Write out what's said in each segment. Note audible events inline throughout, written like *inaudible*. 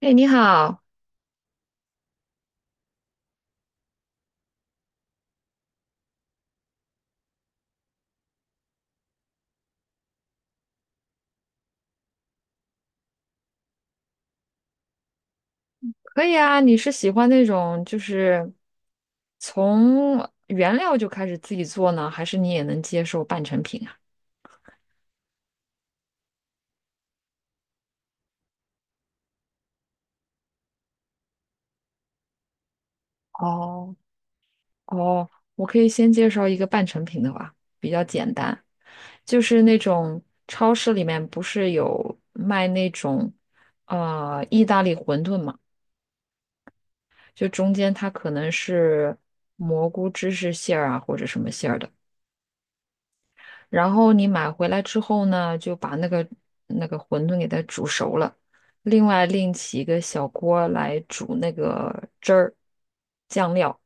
哎，你好，可以啊。你是喜欢那种就是从原料就开始自己做呢，还是你也能接受半成品啊？哦哦，我可以先介绍一个半成品的吧，比较简单，就是那种超市里面不是有卖那种意大利馄饨嘛，就中间它可能是蘑菇芝士馅儿啊，或者什么馅儿的。然后你买回来之后呢，就把那个馄饨给它煮熟了，另外另起一个小锅来煮那个汁儿酱料。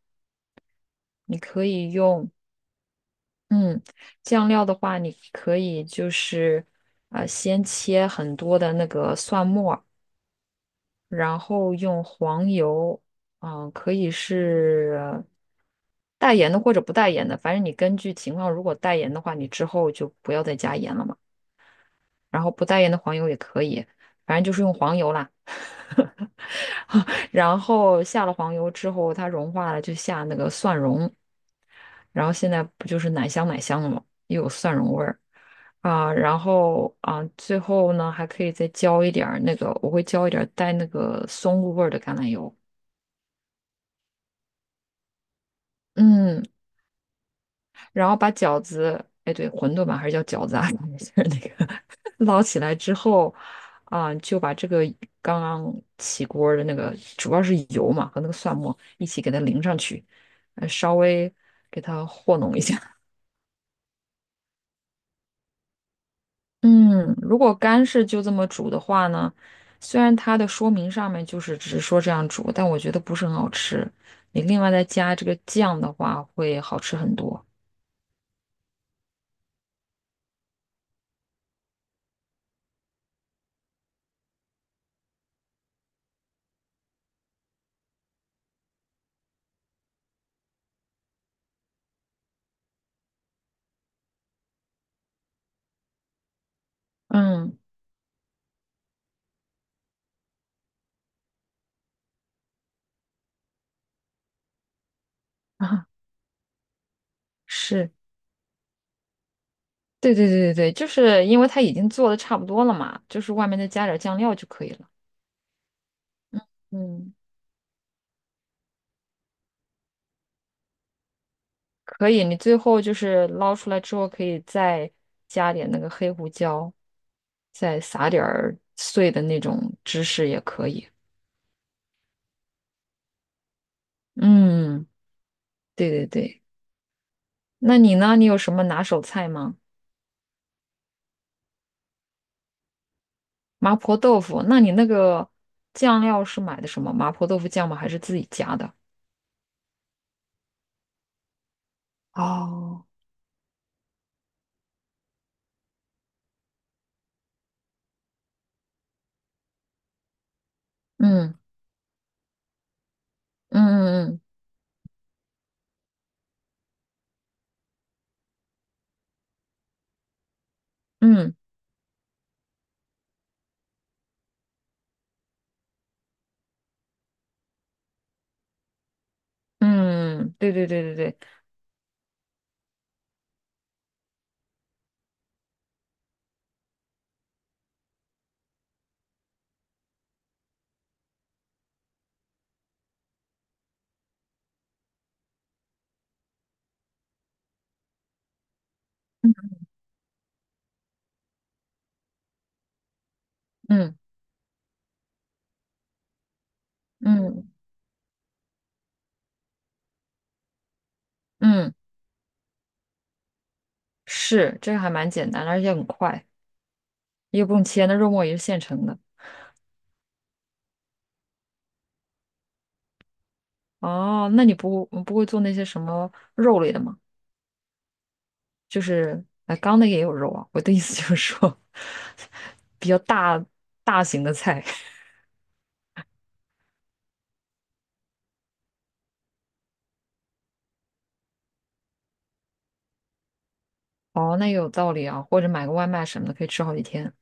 你可以用，嗯，酱料的话，你可以就是先切很多的那个蒜末儿然后用黄油，可以是带盐的或者不带盐的，反正你根据情况，如果带盐的话，你之后就不要再加盐了嘛。然后不带盐的黄油也可以，反正就是用黄油啦。*laughs* 然后下了黄油之后，它融化了，就下那个蒜蓉。然后现在不就是奶香奶香的吗？又有蒜蓉味儿啊。然后啊，最后呢还可以再浇一点儿那个，我会浇一点儿带那个松露味儿的橄榄油。嗯，然后把饺子，哎，对，馄饨吧，还是叫饺子啊，*laughs* 就是那个捞起来之后，啊、就把这个刚刚起锅的那个，主要是油嘛和那个蒜末一起给它淋上去，稍微给它和弄一下。*laughs* 嗯，如果干是就这么煮的话呢，虽然它的说明上面就是只是说这样煮，但我觉得不是很好吃。你另外再加这个酱的话，会好吃很多。嗯，*laughs* 啊，是。对对对对对，就是因为它已经做的差不多了嘛，就是外面再加点儿酱料就可以了。嗯，可以，你最后就是捞出来之后，可以再加点那个黑胡椒，再撒点儿碎的那种芝士也可以。嗯，对对对，那你呢？你有什么拿手菜吗？麻婆豆腐，那你那个酱料是买的什么？麻婆豆腐酱吗？还是自己加的？哦，嗯嗯嗯嗯嗯嗯，对对对对对，嗯。嗯嗯，是，这个还蛮简单的，而且很快，也不用切。那肉末也是现成的。哦，那你不会做那些什么肉类的吗？就是，哎，刚那个也有肉啊。我的意思就是说，*laughs* 比较大型的菜。*laughs* 哦，那也有道理啊。或者买个外卖什么的，可以吃好几天。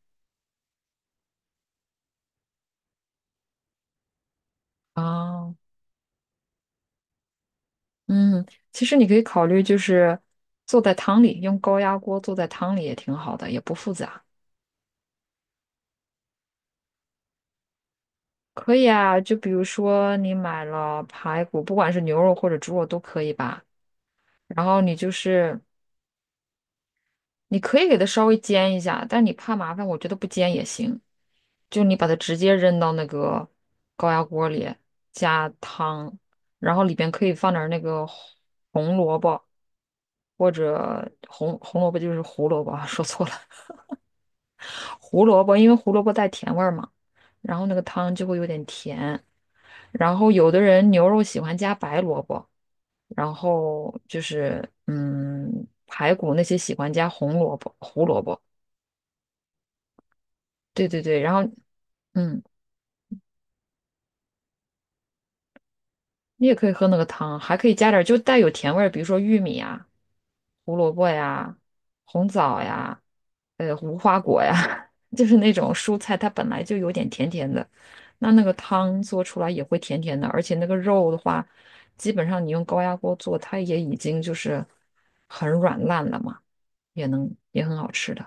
啊。嗯，其实你可以考虑就是做在汤里，用高压锅做在汤里也挺好的，也不复杂。可以啊，就比如说你买了排骨，不管是牛肉或者猪肉都可以吧。然后你就是你可以给它稍微煎一下，但你怕麻烦，我觉得不煎也行。就你把它直接扔到那个高压锅里，加汤，然后里边可以放点儿那个红萝卜或者红萝卜就是胡萝卜啊 *laughs* 说错了，*laughs* 胡萝卜，因为胡萝卜带甜味儿嘛，然后那个汤就会有点甜。然后有的人牛肉喜欢加白萝卜。然后就是排骨那些喜欢加红萝卜、胡萝卜，对对对，然后嗯，你也可以喝那个汤，还可以加点儿就带有甜味儿，比如说玉米啊、胡萝卜呀、红枣呀、无花果呀，*laughs* 就是那种蔬菜，它本来就有点甜甜的，那个汤做出来也会甜甜的，而且那个肉的话，基本上你用高压锅做，它也已经就是很软烂了嘛，也能也很好吃的，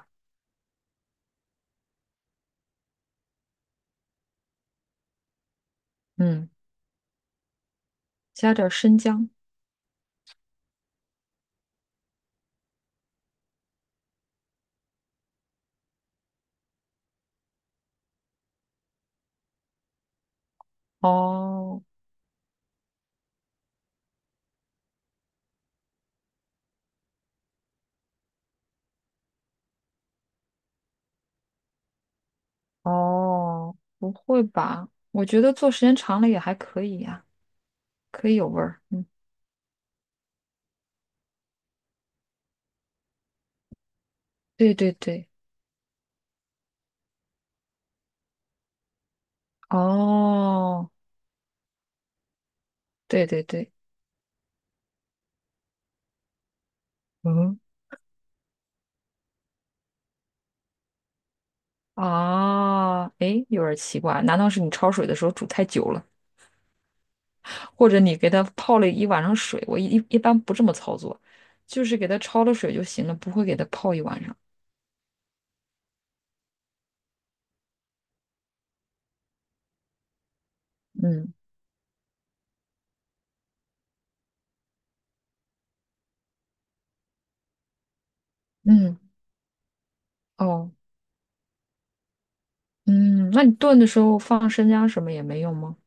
嗯。加点儿生姜。哦哦，不会吧？我觉得做时间长了也还可以呀、可以有味儿。嗯，对对对，哦，对对对，嗯，啊，诶，有点奇怪，难道是你焯水的时候煮太久了，或者你给它泡了一晚上水？我一般不这么操作，就是给它焯了水就行了，不会给它泡一晚上。嗯嗯，哦，嗯，那你炖的时候放生姜什么也没用吗？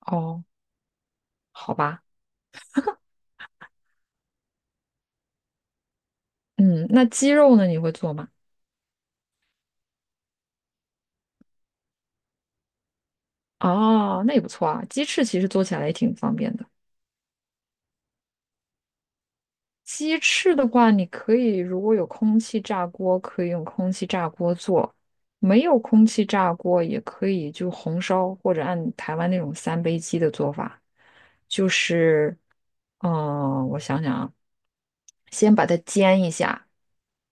哦，好吧。嗯，那鸡肉呢？你会做吗？哦，那也不错啊。鸡翅其实做起来也挺方便的。鸡翅的话，你可以如果有空气炸锅，可以用空气炸锅做；没有空气炸锅，也可以就红烧或者按台湾那种三杯鸡的做法，就是，我想想啊，先把它煎一下，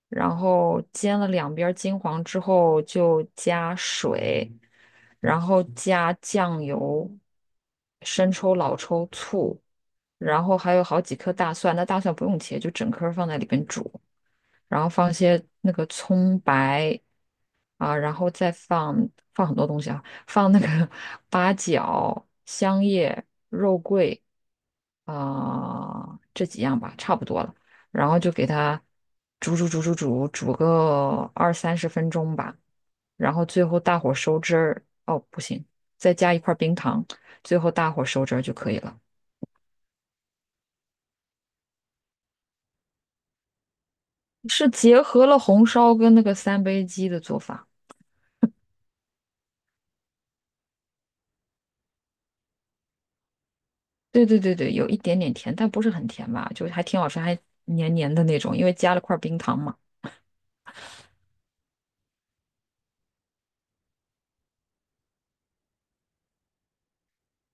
然后煎了两边儿金黄之后，就加水，然后加酱油、生抽、老抽、醋，然后还有好几颗大蒜。那大蒜不用切，就整颗儿放在里边煮，然后放一些那个葱白啊，然后再放很多东西啊，放那个 *laughs* 八角、香叶，啊、这几样吧，差不多了。然后就给它煮煮煮煮煮煮个20-30分钟吧，然后最后大火收汁儿。哦，不行，再加一块冰糖，最后大火收汁儿就可以了。是结合了红烧跟那个三杯鸡的做法。对对对对，有一点点甜，但不是很甜吧，就还挺好吃，还黏黏的那种，因为加了块冰糖嘛。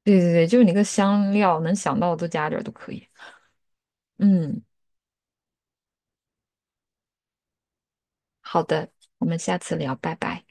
对对对，就是你个香料能想到的都加点儿都可以。嗯，好的，我们下次聊，拜拜。